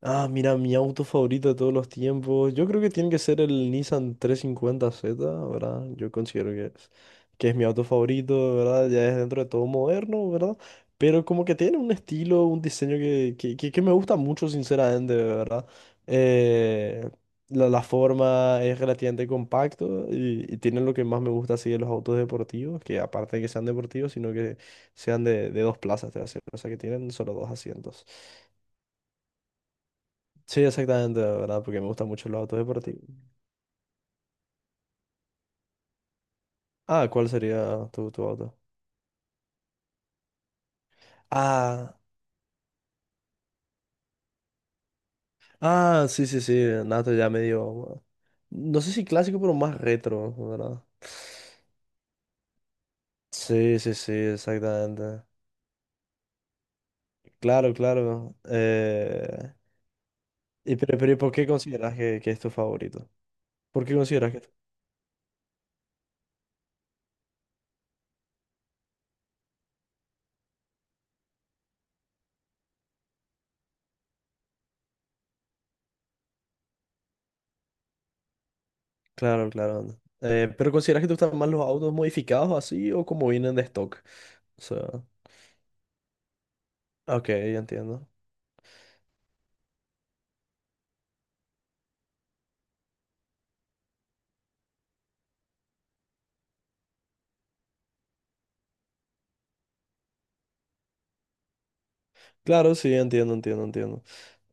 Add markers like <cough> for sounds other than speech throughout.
Mira, mi auto favorito de todos los tiempos. Yo creo que tiene que ser el Nissan 350Z, ¿verdad? Yo considero que es mi auto favorito, ¿verdad? Ya es dentro de todo moderno, ¿verdad? Pero como que tiene un estilo, un diseño que me gusta mucho, sinceramente, ¿verdad? Eh, la forma es relativamente compacto y tiene lo que más me gusta así de los autos deportivos, que aparte de que sean deportivos, sino que sean de dos plazas, te voy a decir. O sea, que tienen solo dos asientos. Sí, exactamente, la ¿verdad? Porque me gustan mucho los autos deportivos. Ah, ¿cuál sería tu auto? Ah, ah, sí, sí, sí, Nato ya medio. No sé si clásico, pero más retro, ¿verdad? Sí, sí, sí, exactamente. Claro, claro. Pero ¿y por qué consideras que es tu favorito? ¿Por qué consideras que... Claro, claro. Anda. Pero ¿consideras que te gustan más los autos modificados así o como vienen de stock? O sea, ok, ya entiendo. Claro, sí, entiendo, entiendo, entiendo.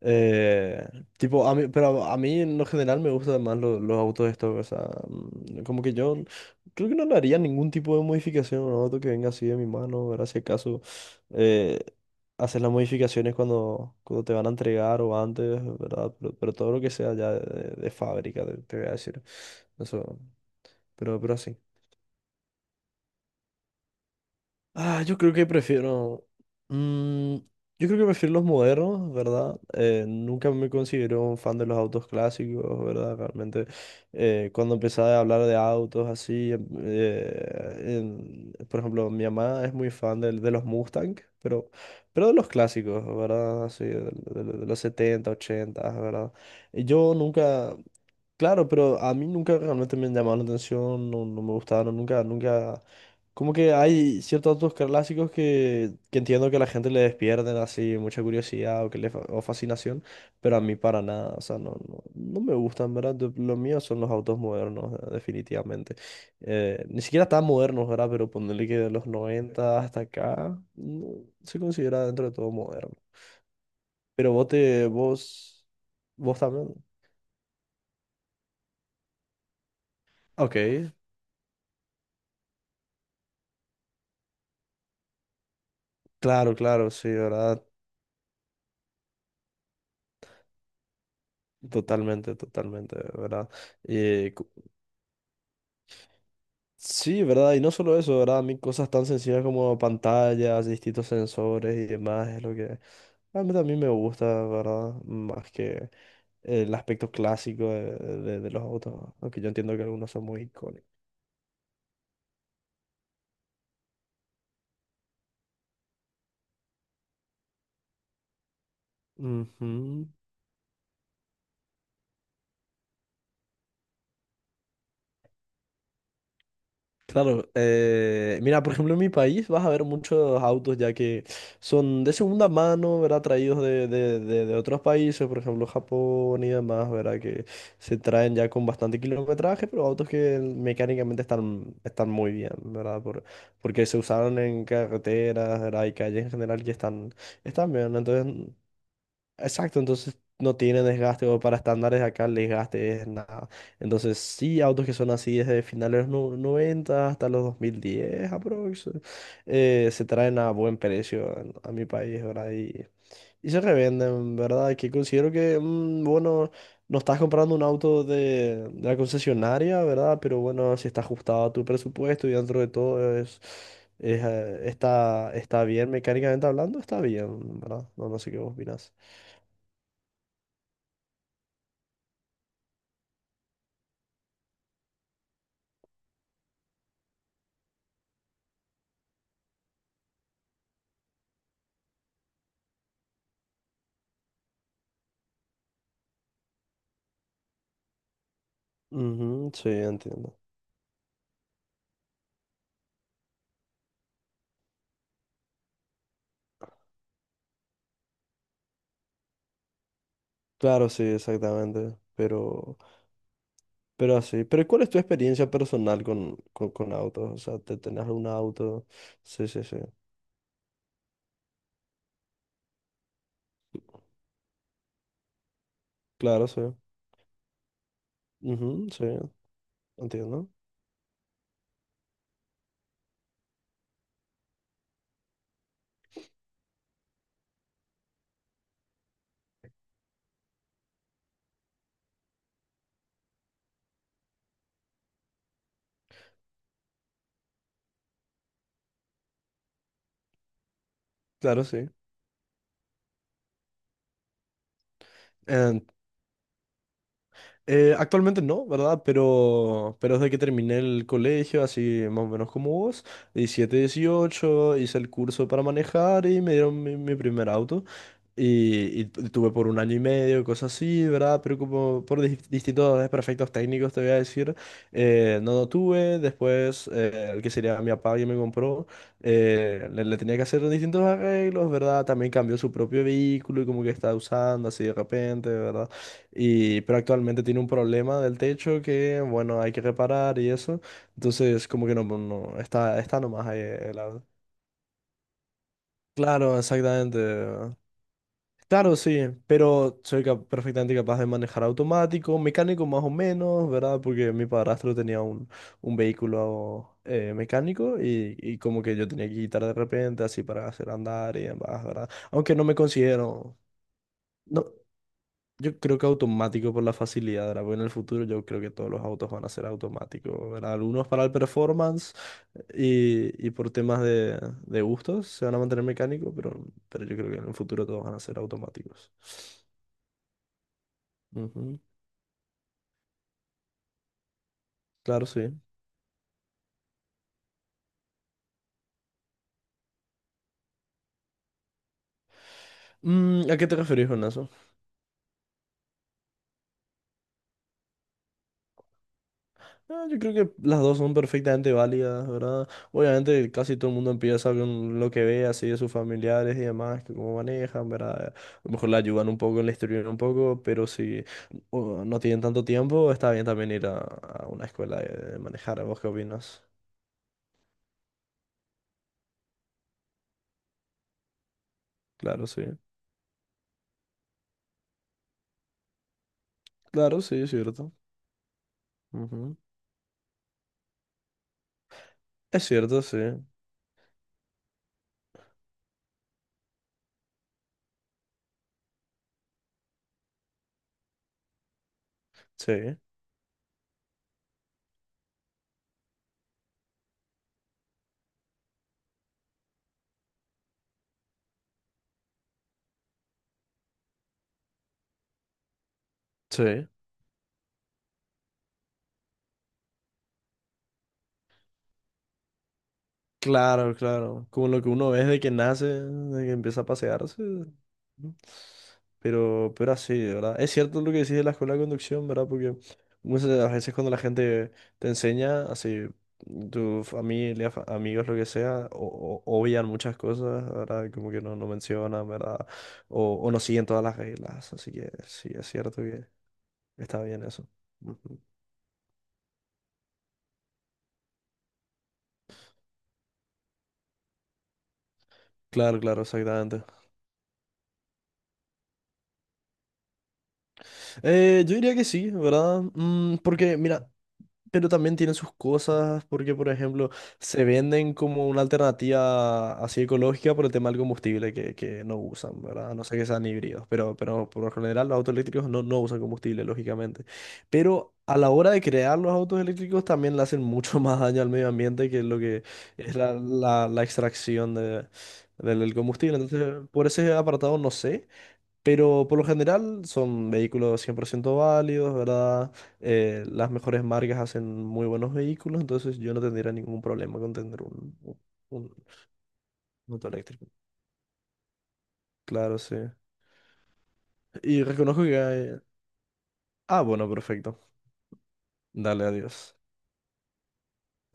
Eh, tipo, a mí en lo general me gustan más autos estos, o sea, como que yo creo que no le haría ningún tipo de modificación a un auto que venga así de mi mano, ¿verdad? Si acaso eh, hacer las modificaciones cuando te van a entregar o antes, ¿verdad? Pero todo lo que sea ya de fábrica, te voy a decir. Eso, pero así. Ah, yo creo que prefiero. mm, yo creo que prefiero los modernos, ¿verdad? Nunca me considero un fan de los autos clásicos, ¿verdad? Realmente, cuando empecé a hablar de autos así, por ejemplo, mi mamá es muy fan los Mustang, pero, pero de los clásicos, ¿verdad? Así, de los 70 80, ¿verdad? Y yo nunca. Claro, pero a mí nunca realmente me llamaron la atención, no, no me gustaron, nunca, nunca. Como que hay ciertos autos clásicos que entiendo que a la gente le despierten así mucha curiosidad o, que le, fa- o fascinación, pero a mí para nada, o sea, no me gustan, ¿verdad? De- Lo mío son los autos modernos, definitivamente. Ni siquiera tan modernos, ¿verdad? Pero ponerle que de los 90 hasta acá, no, se considera dentro de todo moderno. Pero vos, vos también. Ok, claro, claro, sí, ¿verdad? Totalmente, totalmente, ¿verdad? Sí, ¿verdad? Y no solo eso, ¿verdad? A mí cosas tan sencillas como pantallas, distintos sensores y demás es lo que realmente a mí me gusta, ¿verdad? Más que el aspecto clásico de los autos, aunque yo entiendo que algunos son muy icónicos. Ujú. Claro, mira, por ejemplo, en mi país vas a ver muchos autos ya que son de segunda mano, ¿verdad? Traídos de otros países, por ejemplo, Japón y demás, ¿verdad? Que se traen ya con bastante kilometraje, pero autos que mecánicamente están muy bien, ¿verdad? Por, porque se usaron en carreteras, ¿verdad? Y calles en general que están, están bien. Entonces, exacto, entonces no tiene desgaste o para estándares de acá el desgaste es nada. Entonces sí, autos que son así desde finales de los 90 hasta los 2010 aprox, se traen a buen precio en- a mi país, ¿verdad? Y se revenden, ¿verdad? Que considero que, bueno, no estás comprando un auto de la concesionaria, ¿verdad? Pero bueno, si está ajustado a tu presupuesto y dentro de todo está bien, mecánicamente hablando, está bien, ¿verdad? No, no sé qué vos opinás. Ujú, sí, entiendo. Claro, sí, exactamente. Pero así. Pero ¿cuál es tu experiencia personal con autos? O sea, ¿te tenés algún auto? Sí, sí, sí. Claro, sí. Ujú, sí, entiendo. Claro, sí. Em, actualmente no, ¿verdad? Pero desde que terminé el colegio, así más o menos como vos, 17 18 hice el curso para manejar y me dieron mi primer auto. Y, tuve por 1 año y medio, cosas así, ¿verdad? Pero como por distintos desperfectos técnicos, te voy a decir, no lo tuve. Después, el que sería mi papá que me compró, le tenía que hacer distintos arreglos, ¿verdad? También cambió su propio vehículo y como que estaba usando así de repente, ¿verdad? Y, pero actualmente tiene un problema del techo que, bueno, hay que reparar y eso. Entonces, como que no, no no, está, está nomás ahí el auto. Claro, exactamente. Claro, sí, pero soy cap- perfectamente capaz de manejar automático, mecánico más o menos, ¿verdad? Porque mi padrastro tenía un vehículo mecánico y como que yo tenía que quitar de repente así para hacer andar y demás, ¿verdad? Aunque no me considero... No. Yo creo que automático por la facilidad, ¿verdad? Porque en el futuro yo creo que todos los autos van a ser automáticos, ¿verdad? Algunos para el performance y por temas de gustos se van a mantener mecánicos, pero yo creo que en el futuro todos van a ser automáticos. Ujú, claro, sí. Mm, ¿a qué te referís con eso? Ah, yo creo que las dos son perfectamente válidas, ¿verdad? Obviamente casi todo el mundo empieza con lo que ve así de sus familiares y demás, que cómo manejan, ¿verdad? A lo mejor le ayudan un poco, le instruyen un poco, pero si o no tienen tanto tiempo, está bien también ir a una escuela de manejar. ¿Vos qué opinas? Claro, sí. Claro, sí, es cierto. Ujú. Es cierto, sí. Sí. Sí. Claro, claro. Como lo que uno ve desde que nace, desde que empieza a pasearse. ¿No? Pero así, ¿verdad? Es cierto lo que decís de la escuela de conducción, ¿verdad? Porque muchas de las veces cuando la gente te enseña, así, tu familia, fa- amigos, lo que sea, obvian muchas cosas, ¿verdad? Como que no, no mencionan, ¿verdad? O no siguen todas las reglas. Así que sí, es cierto que está bien eso. Ujú. Claro, claro, exactamente. Yo diría que sí, ¿verdad? Mm, porque, mira, pero también tienen sus cosas porque, por ejemplo, se venden como una alternativa así ecológica por el tema del combustible que no usan, ¿verdad? A no sé que sean híbridos, pero por lo general los autos eléctricos no, no usan combustible, lógicamente. Pero a la hora de crear los autos eléctricos también le hacen mucho <laughs> más daño al medio ambiente que lo que es la extracción de, del combustible. Entonces, por ese apartado no sé. Pero por lo general son vehículos 100% válidos, ¿verdad? Las mejores marcas hacen muy buenos vehículos, entonces yo no tendría ningún problema con tener un auto eléctrico. Claro, sí. Y reconozco que hay... Ah, bueno, perfecto. Dale, adiós.